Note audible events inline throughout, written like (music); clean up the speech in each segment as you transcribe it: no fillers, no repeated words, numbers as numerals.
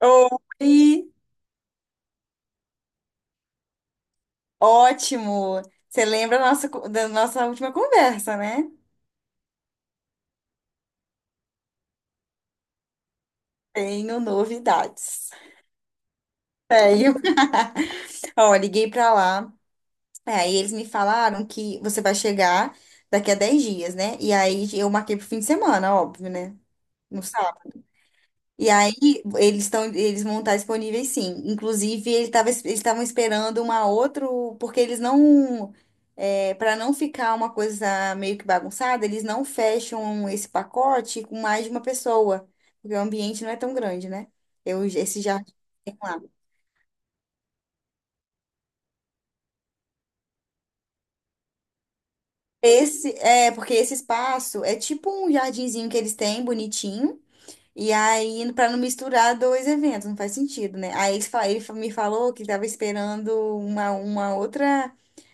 Oi, ótimo. Você lembra da nossa última conversa, né? Tenho novidades. Tenho. (laughs) Ó, liguei pra lá. É, aí eles me falaram que você vai chegar daqui a 10 dias, né? E aí eu marquei pro fim de semana, óbvio, né? No sábado. E aí, eles vão estar disponíveis, sim. Inclusive, eles estavam esperando uma outro, porque eles não, para não ficar uma coisa meio que bagunçada, eles não fecham esse pacote com mais de uma pessoa, porque o ambiente não é tão grande, né? Esse jardim que tem lá. Porque esse espaço é tipo um jardinzinho que eles têm, bonitinho. E aí, para não misturar dois eventos, não faz sentido, né? Aí ele me falou que estava esperando uma outra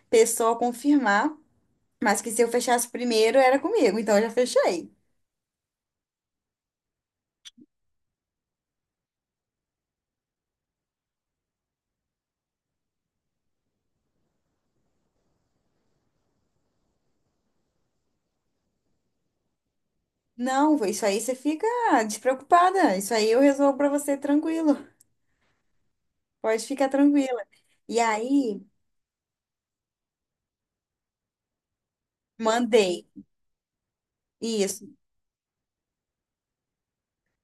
pessoa confirmar, mas que se eu fechasse primeiro era comigo, então eu já fechei. Não, vô, isso aí você fica despreocupada. Isso aí eu resolvo pra você tranquilo. Pode ficar tranquila. E aí, mandei. Isso.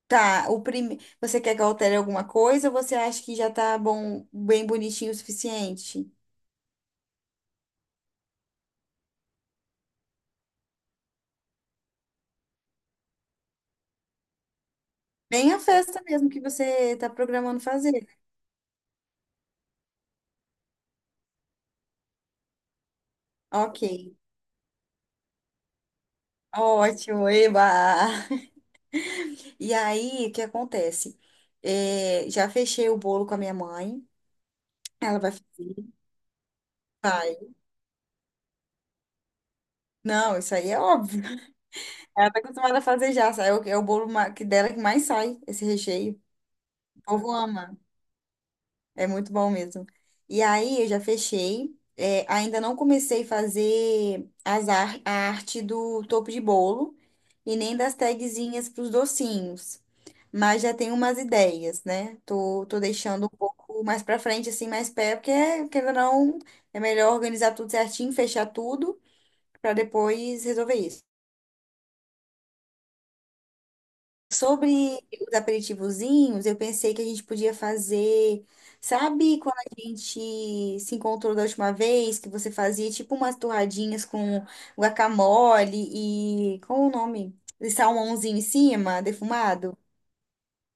Tá, você quer que eu altere alguma coisa ou você acha que já tá bom, bem bonitinho o suficiente? Bem a festa mesmo que você tá programando fazer. Ok. Ótimo, eba! E aí, o que acontece? É, já fechei o bolo com a minha mãe. Ela vai fazer. Vai. Não, isso aí é óbvio. (laughs) Ela tá acostumada a fazer já, sabe? É o bolo que dela que mais sai, esse recheio. O povo ama. É muito bom mesmo. E aí eu já fechei. É, ainda não comecei a fazer a arte do topo de bolo e nem das tagzinhas para os docinhos. Mas já tenho umas ideias, né? Tô deixando um pouco mais para frente, assim, mais perto, porque, querendo ou não, é melhor organizar tudo certinho, fechar tudo, para depois resolver isso. Sobre os aperitivozinhos, eu pensei que a gente podia fazer. Sabe quando a gente se encontrou da última vez, que você fazia tipo umas torradinhas com guacamole e, qual o nome? E salmãozinho em cima, defumado?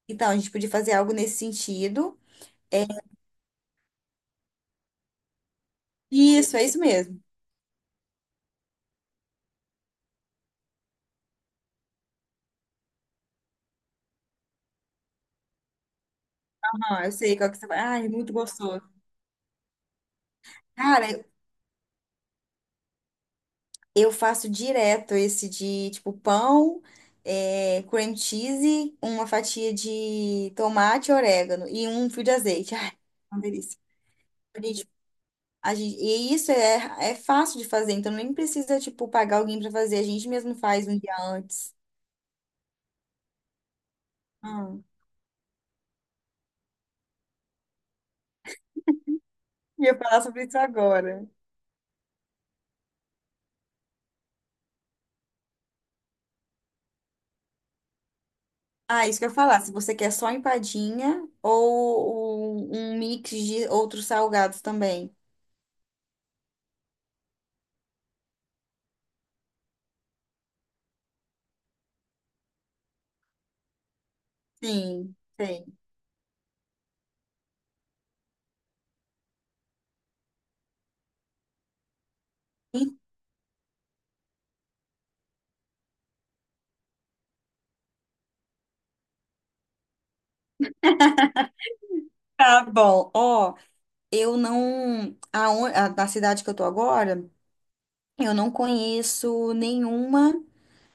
Então, a gente podia fazer algo nesse sentido. Isso, é isso mesmo. Ah, eu sei qual que você vai. Ai, muito gostoso. Cara, eu faço direto esse de tipo pão, é, cream cheese, uma fatia de tomate, orégano e um fio de azeite. Ai, uma delícia. A gente- e isso é fácil de fazer, então nem precisa tipo pagar alguém para fazer, a gente mesmo faz um dia antes. Hum. E eu ia falar sobre isso agora. Ah, isso que eu ia falar, se você quer só empadinha ou um mix de outros salgados também. Sim, tem. Tá bom, ó. Eu não. Na cidade que eu tô agora, eu não conheço nenhuma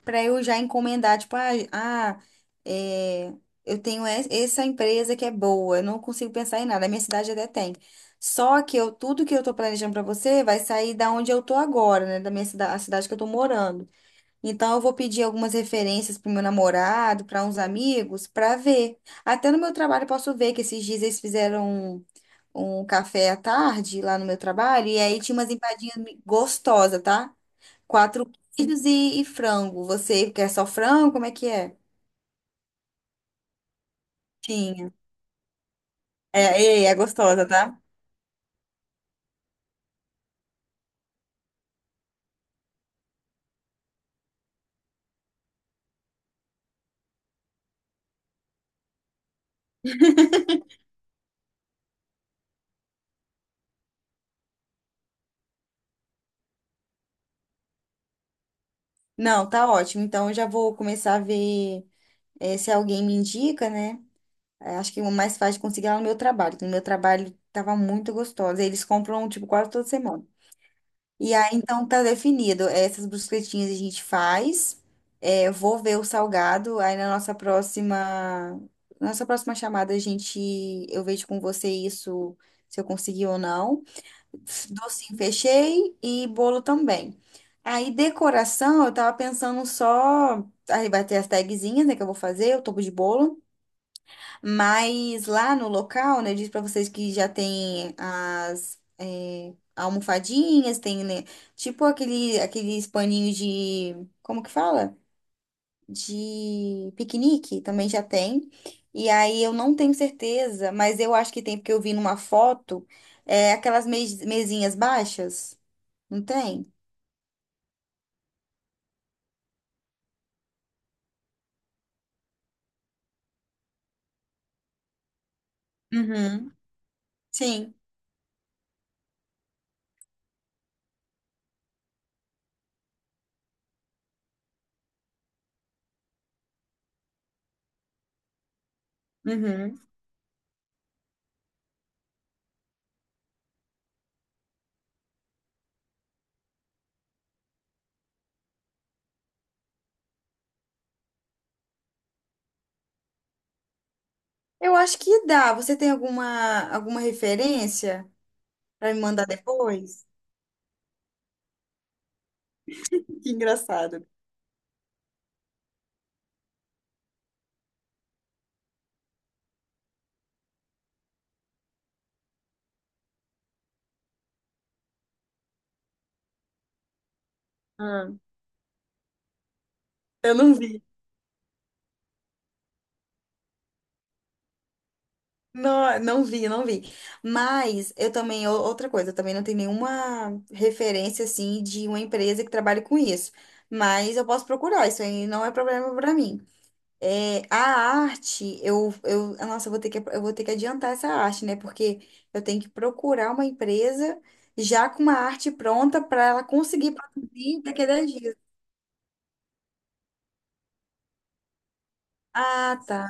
para eu já encomendar, tipo, é, eu tenho essa empresa que é boa, eu não consigo pensar em nada, a minha cidade até tem. Só que tudo que eu tô planejando para você vai sair da onde eu tô agora, né, da minha cidade, a cidade que eu tô morando. Então eu vou pedir algumas referências pro meu namorado, para uns amigos, para ver. Até no meu trabalho eu posso ver que esses dias eles fizeram um café à tarde lá no meu trabalho e aí tinha umas empadinhas gostosas, tá? Quatro queijos e frango. Você quer só frango? Como é que é? Tinha. É, é gostosa, tá? Não, tá ótimo. Então eu já vou começar a ver, se alguém me indica, né? É, acho que o mais fácil de conseguir é lá no meu trabalho. Que No meu trabalho tava muito gostosa. Eles compram, tipo, quase toda semana. E aí, então, tá definido. Essas brusquetinhas a gente faz. É, eu vou ver o salgado. Aí, na nossa próxima chamada, eu vejo com você isso, se eu consegui ou não. Docinho fechei e bolo também. Aí, decoração, eu tava pensando só. Aí vai ter as tagzinhas, né, que eu vou fazer, o topo de bolo. Mas lá no local, né, eu disse pra vocês que já tem as almofadinhas, tem, né, tipo aqueles paninhos de, como que fala? De piquenique, também já tem. E aí eu não tenho certeza, mas eu acho que tem, porque eu vi numa foto, aquelas mesinhas baixas, não tem? Uhum. Sim. Uhum. Eu acho que dá. Você tem alguma referência pra me mandar depois? (laughs) Que engraçado. Ah, eu não vi. Não, não vi, não vi. Mas eu também, outra coisa, eu também não tenho nenhuma referência assim de uma empresa que trabalhe com isso. Mas eu posso procurar, isso aí não é problema para mim. É, a arte, nossa, eu vou ter que adiantar essa arte, né? Porque eu tenho que procurar uma empresa já com uma arte pronta para ela conseguir produzir daqui a 10 dias. Ah, tá.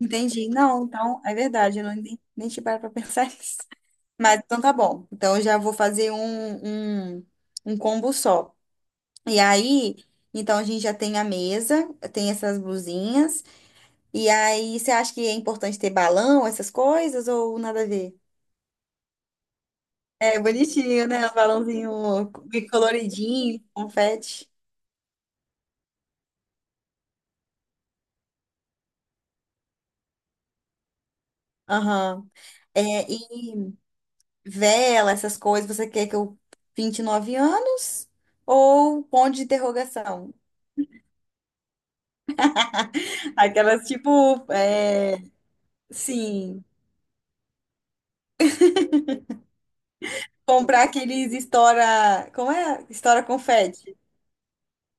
Entendi. Não, então, é verdade, eu não, nem te paro para pensar (laughs) nisso. Mas então tá bom. Então eu já vou fazer um combo só. E aí, então a gente já tem a mesa, tem essas blusinhas. E aí, você acha que é importante ter balão, essas coisas, ou nada a ver? É bonitinho, né? O balãozinho meio coloridinho, confete. Aham. É, e vela, essas coisas, você quer que eu pinte 9 anos? Ou ponto de interrogação? (laughs) Aquelas tipo, é, sim. Comprar aqueles estoura. Como é? Estoura confete.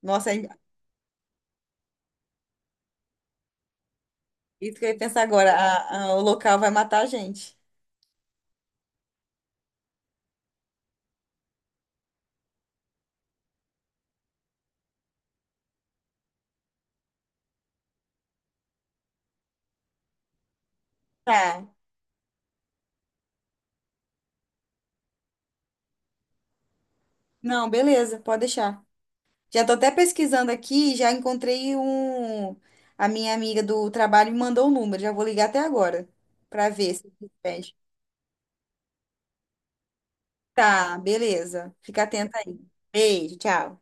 Nossa, é isso que eu ia pensar agora. O local vai matar a gente. Tá. Não, beleza, pode deixar. Já tô até pesquisando aqui, já encontrei um. A minha amiga do trabalho me mandou o número. Já vou ligar até agora pra ver se pede. Tá, beleza. Fica atenta aí. Beijo, tchau.